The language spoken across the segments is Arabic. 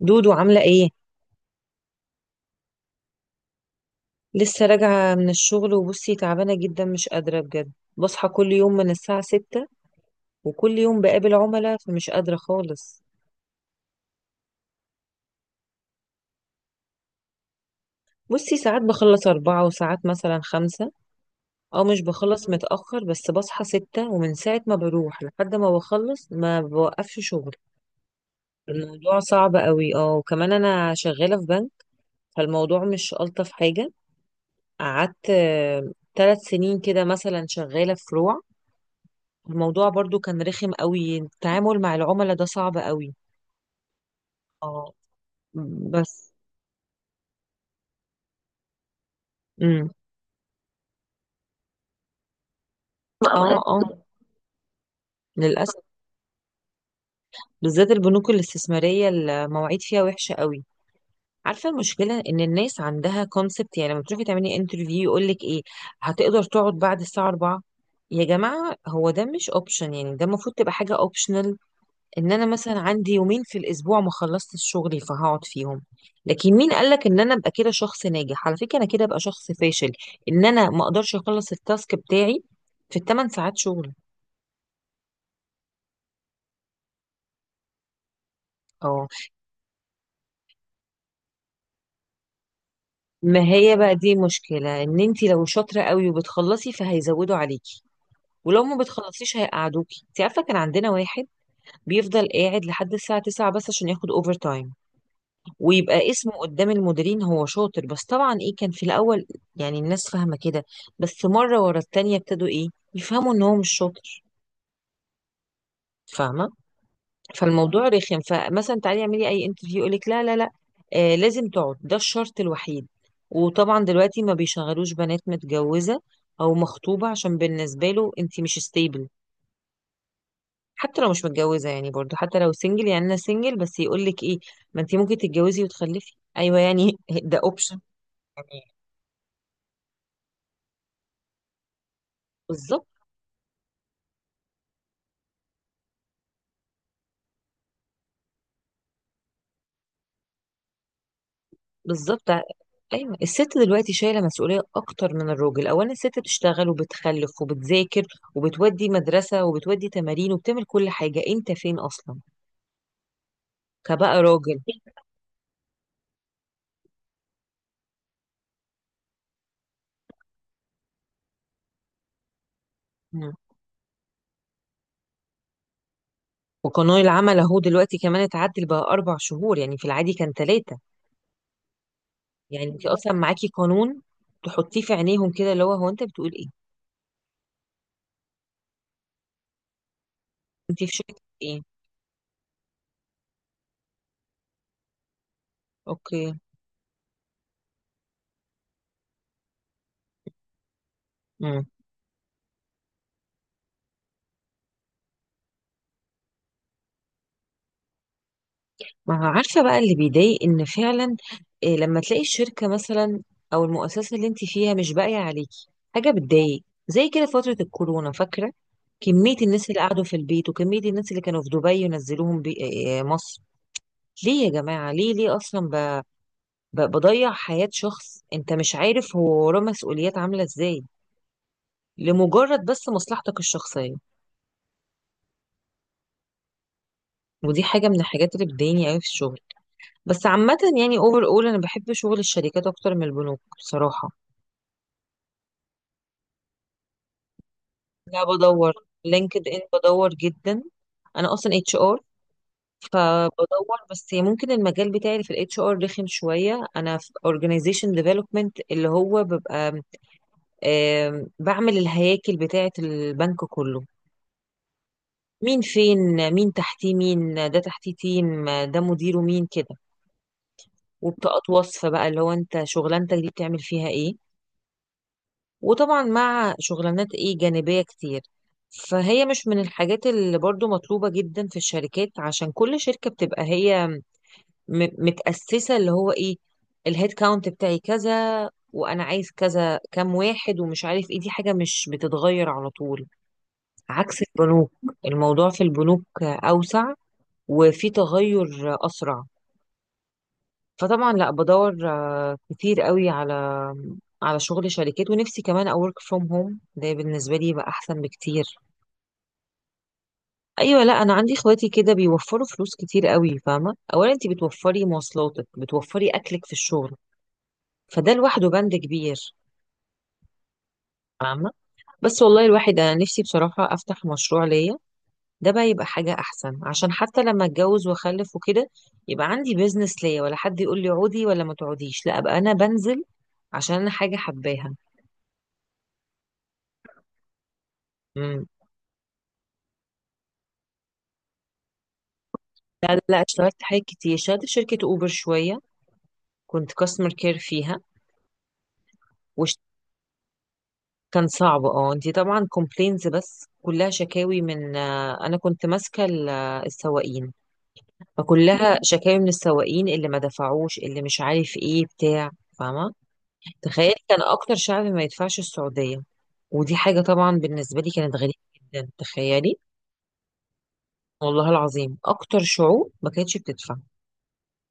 دودو عاملة ايه؟ لسه راجعة من الشغل وبصي تعبانة جدا مش قادرة بجد. بصحى كل يوم من الساعة ستة، وكل يوم بقابل عملاء فمش قادرة خالص. بصي ساعات بخلص أربعة وساعات مثلا خمسة، أو مش بخلص متأخر بس بصحى ستة، ومن ساعة ما بروح لحد ما بخلص ما بوقفش شغل. الموضوع صعب قوي، اه، وكمان أنا شغالة في بنك، فالموضوع مش ألطف حاجة. قعدت 3 سنين كده مثلا شغالة في فروع. الموضوع برضو كان رخم قوي، التعامل مع العملاء ده صعب قوي. اه. بس. امم. اه اه. للاسف بالذات البنوك الاستثماريه المواعيد فيها وحشه قوي. عارفه المشكله ان الناس عندها كونسبت، يعني لما تروحي تعملي انترفيو يقول لك ايه، هتقدر تقعد بعد الساعه 4؟ يا جماعه، هو ده مش اوبشن، يعني ده المفروض تبقى حاجه اوبشنال، ان انا مثلا عندي يومين في الاسبوع ما خلصتش شغلي فهقعد فيهم. لكن مين قالك ان انا ابقى كده شخص ناجح؟ على فكره انا كده ابقى شخص فاشل، ان انا ما اقدرش اخلص التاسك بتاعي في الثمان ساعات شغل. اه. ما هي بقى دي مشكله، ان انت لو شاطره قوي وبتخلصي فهيزودوا عليكي، ولو ما بتخلصيش هيقعدوكي. انت عارفه كان عندنا واحد بيفضل قاعد لحد الساعه 9 بس عشان ياخد اوفر تايم، ويبقى اسمه قدام المديرين هو شاطر. بس طبعا ايه، كان في الاول يعني الناس فاهمه كده، بس مره ورا التانيه ابتدوا ايه، يفهموا ان هو مش شاطر. فاهمه. فالموضوع رخم، فمثلا تعالي اعملي اي انترفيو يقولك لا لا لا، آه لازم تقعد ده الشرط الوحيد. وطبعا دلوقتي ما بيشغلوش بنات متجوزه او مخطوبه، عشان بالنسبه له انت مش ستيبل. حتى لو مش متجوزه يعني، برضو حتى لو سنجل، يعني انا سنجل بس يقولك ايه، ما انت ممكن تتجوزي وتخلفي. ايوه يعني ده اوبشن. يعني بالظبط بالظبط. ايوه، الست دلوقتي شايله مسؤوليه اكتر من الراجل. اولا الست بتشتغل وبتخلف وبتذاكر وبتودي مدرسه وبتودي تمارين وبتعمل كل حاجه، انت فين اصلا كبقى راجل؟ مم. وقانون العمل اهو دلوقتي كمان اتعدل بقى 4 شهور، يعني في العادي كان 3، يعني انت اصلا معاكي قانون تحطيه في عينيهم كده، اللي هو هو انت بتقول ايه. انت في شركه ايه؟ اوكي. مم. ما هو عارفة بقى اللي بيضايق، ان فعلا إيه لما تلاقي الشركة مثلا او المؤسسة اللي انت فيها مش باقية عليكي، حاجة بتضايق. زي كده فترة الكورونا فاكرة، كمية الناس اللي قعدوا في البيت، وكمية الناس اللي كانوا في دبي ونزلوهم إيه، مصر. ليه يا جماعة، ليه، ليه اصلا بضيع حياة شخص انت مش عارف هو وراه مسؤوليات عاملة ازاي، لمجرد بس مصلحتك الشخصية. ودي حاجة من الحاجات اللي بتضايقني قوي في الشغل. بس عامة يعني اوفر اول، انا بحب شغل الشركات اكتر من البنوك بصراحة. لا بدور. لينكد ان بدور جدا. انا اصلا اتش ار، فبدور، بس ممكن المجال بتاعي اللي في الاتش ار رخم شويه. انا في اورجانيزيشن ديفلوبمنت، اللي هو ببقى بعمل الهياكل بتاعه البنك كله، مين فين، مين تحتيه، مين ده تحتيه تيم، ده مديره مين، كده. وبطاقات وصف بقى، اللي هو انت شغلانتك دي بتعمل فيها ايه، وطبعا مع شغلانات ايه جانبية كتير. فهي مش من الحاجات اللي برضو مطلوبة جدا في الشركات، عشان كل شركة بتبقى هي متأسسة، اللي هو ايه، الهيد كاونت بتاعي كذا، وانا عايز كذا كام واحد، ومش عارف ايه، دي حاجة مش بتتغير على طول، عكس البنوك. الموضوع في البنوك اوسع، وفي تغير اسرع. فطبعا لا بدور كتير قوي على على شغل شركات. ونفسي كمان اورك فروم هوم، ده بالنسبه لي يبقى احسن بكتير. ايوه، لا انا عندي اخواتي كده بيوفروا فلوس كتير قوي. فاهمه، اولا انت بتوفري مواصلاتك، بتوفري اكلك في الشغل، فده لوحده بند كبير. فاهمه. بس والله الواحد، انا نفسي بصراحه افتح مشروع ليا، ده بقى يبقى حاجه احسن، عشان حتى لما اتجوز واخلف وكده يبقى عندي بيزنس ليا، ولا حد يقول لي عودي ولا ما تقعديش، لا ابقى انا بنزل عشان انا حاجه حباها. لا لا لا، اشتغلت حاجات كتير. اشتغلت في شركة اوبر شوية، كنت كاستمر كير فيها. وش. كان صعب، اه. انتي طبعا كومبلينز، بس كلها شكاوي من انا كنت ماسكة السواقين، فكلها شكاوي من السواقين اللي ما دفعوش، اللي مش عارف ايه بتاع. فاهمة. تخيلي كان اكتر شعب ما يدفعش السعودية، ودي حاجة طبعا بالنسبة لي كانت غريبة جدا. تخيلي، والله العظيم اكتر شعوب ما كانتش بتدفع.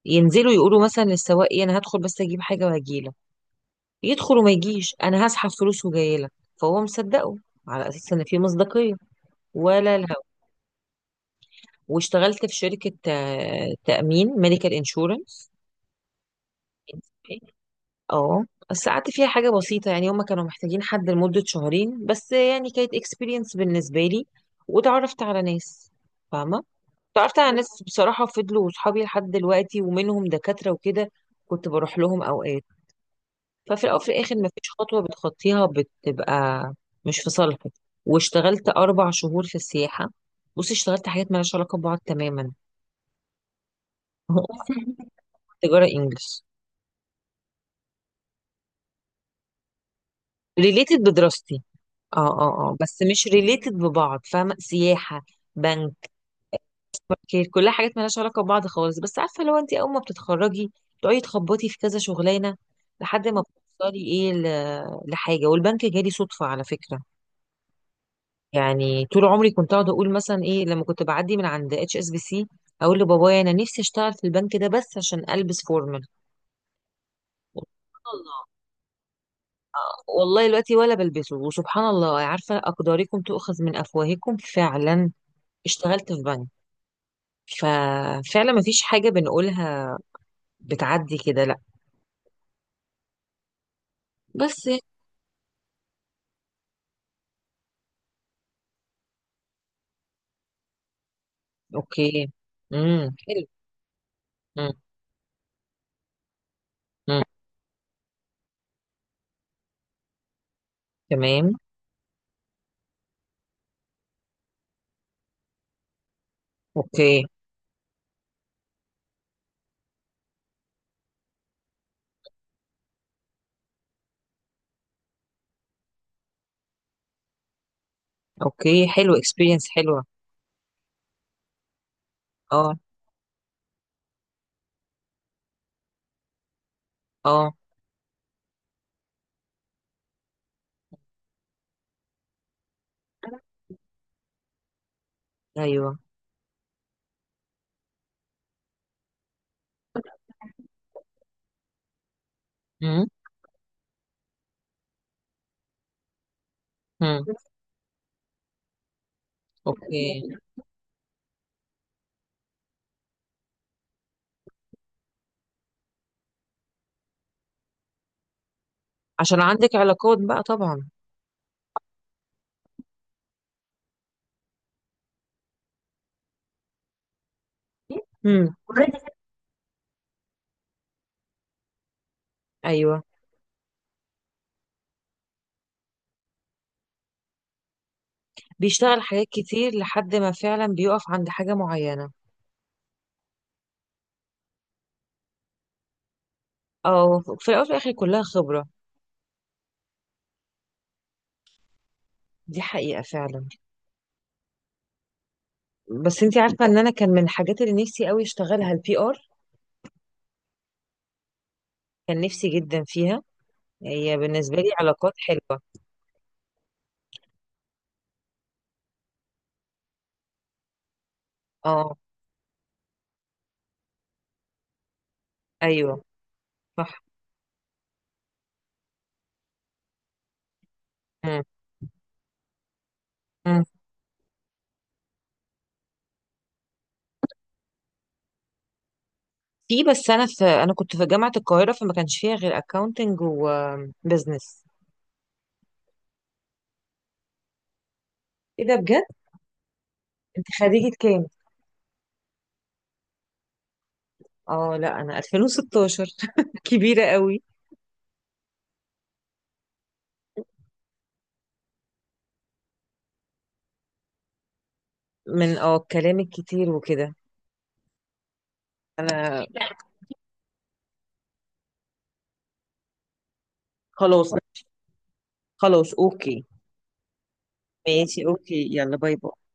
ينزلوا يقولوا مثلا للسواق ايه، انا هدخل بس اجيب حاجة وهجيلك، يدخل وما يجيش. انا هسحب فلوس وجاي لك، فهو مصدقه على اساس ان في مصداقيه، ولا لا. واشتغلت في شركه تامين ميديكال انشورنس. اه. بس قعدت فيها حاجه بسيطه، يعني هما كانوا محتاجين حد لمده شهرين بس. يعني كانت اكسبيرينس بالنسبه لي، وتعرفت على ناس. فاهمه، تعرفت على ناس بصراحه فضلوا صحابي لحد دلوقتي، ومنهم دكاتره وكده، كنت بروح لهم اوقات. ففي الأول وفي الآخر مفيش خطوة بتخطيها بتبقى مش في صالحك. واشتغلت 4 شهور في السياحة. بصي اشتغلت حاجات مالهاش علاقة ببعض تماما. تجارة إنجلش. ريليتد بدراستي. اه اه. اه بس مش ريليتد ببعض، فاهمة، سياحة، بنك، كلها حاجات مالهاش علاقة ببعض خالص. بس عارفة، لو انت أول ما بتتخرجي تقعدي تخبطي في كذا شغلانة لحد ما بتوصلي ايه لحاجة. والبنك جالي صدفة على فكرة، يعني طول عمري كنت اقعد اقول مثلا ايه، لما كنت بعدي من عند اتش اس بي سي اقول لبابايا انا نفسي اشتغل في البنك ده بس عشان البس فورمال. سبحان الله، والله دلوقتي ولا بلبسه. وسبحان الله، عارفه اقداركم تؤخذ من افواهكم، فعلا اشتغلت في بنك. ففعلا ما فيش حاجه بنقولها بتعدي كده، لا. بس يعني، اوكي. امم، حلو. امم. امم. تمام. اوكي. اوكي، حلو، اكسبيرينس حلوه. اه اه. ايوه. امم. امم. اوكي. عشان عندك علاقات بقى، طبعا. امم، اوريدي. ايوه، بيشتغل حاجات كتير لحد ما فعلا بيقف عند حاجه معينه، او في الاول وفي الاخر كلها خبره. دي حقيقه فعلا. بس انت عارفه، ان انا كان من الحاجات اللي نفسي قوي اشتغلها البي ار، كان نفسي جدا فيها، هي بالنسبه لي علاقات حلوه. اه. ايوه صح. مم. مم. في. بس انا في انا كنت في جامعه القاهره، فما كانش فيها غير اكاونتنج وبزنس. ايه ده، بجد؟ انت خريجه كام؟ اه لا انا 2016 كبيرة قوي. من الكلام الكتير وكده. انا. خلاص خلاص, اوكي. ماشي، اوكي، يلا باي باي.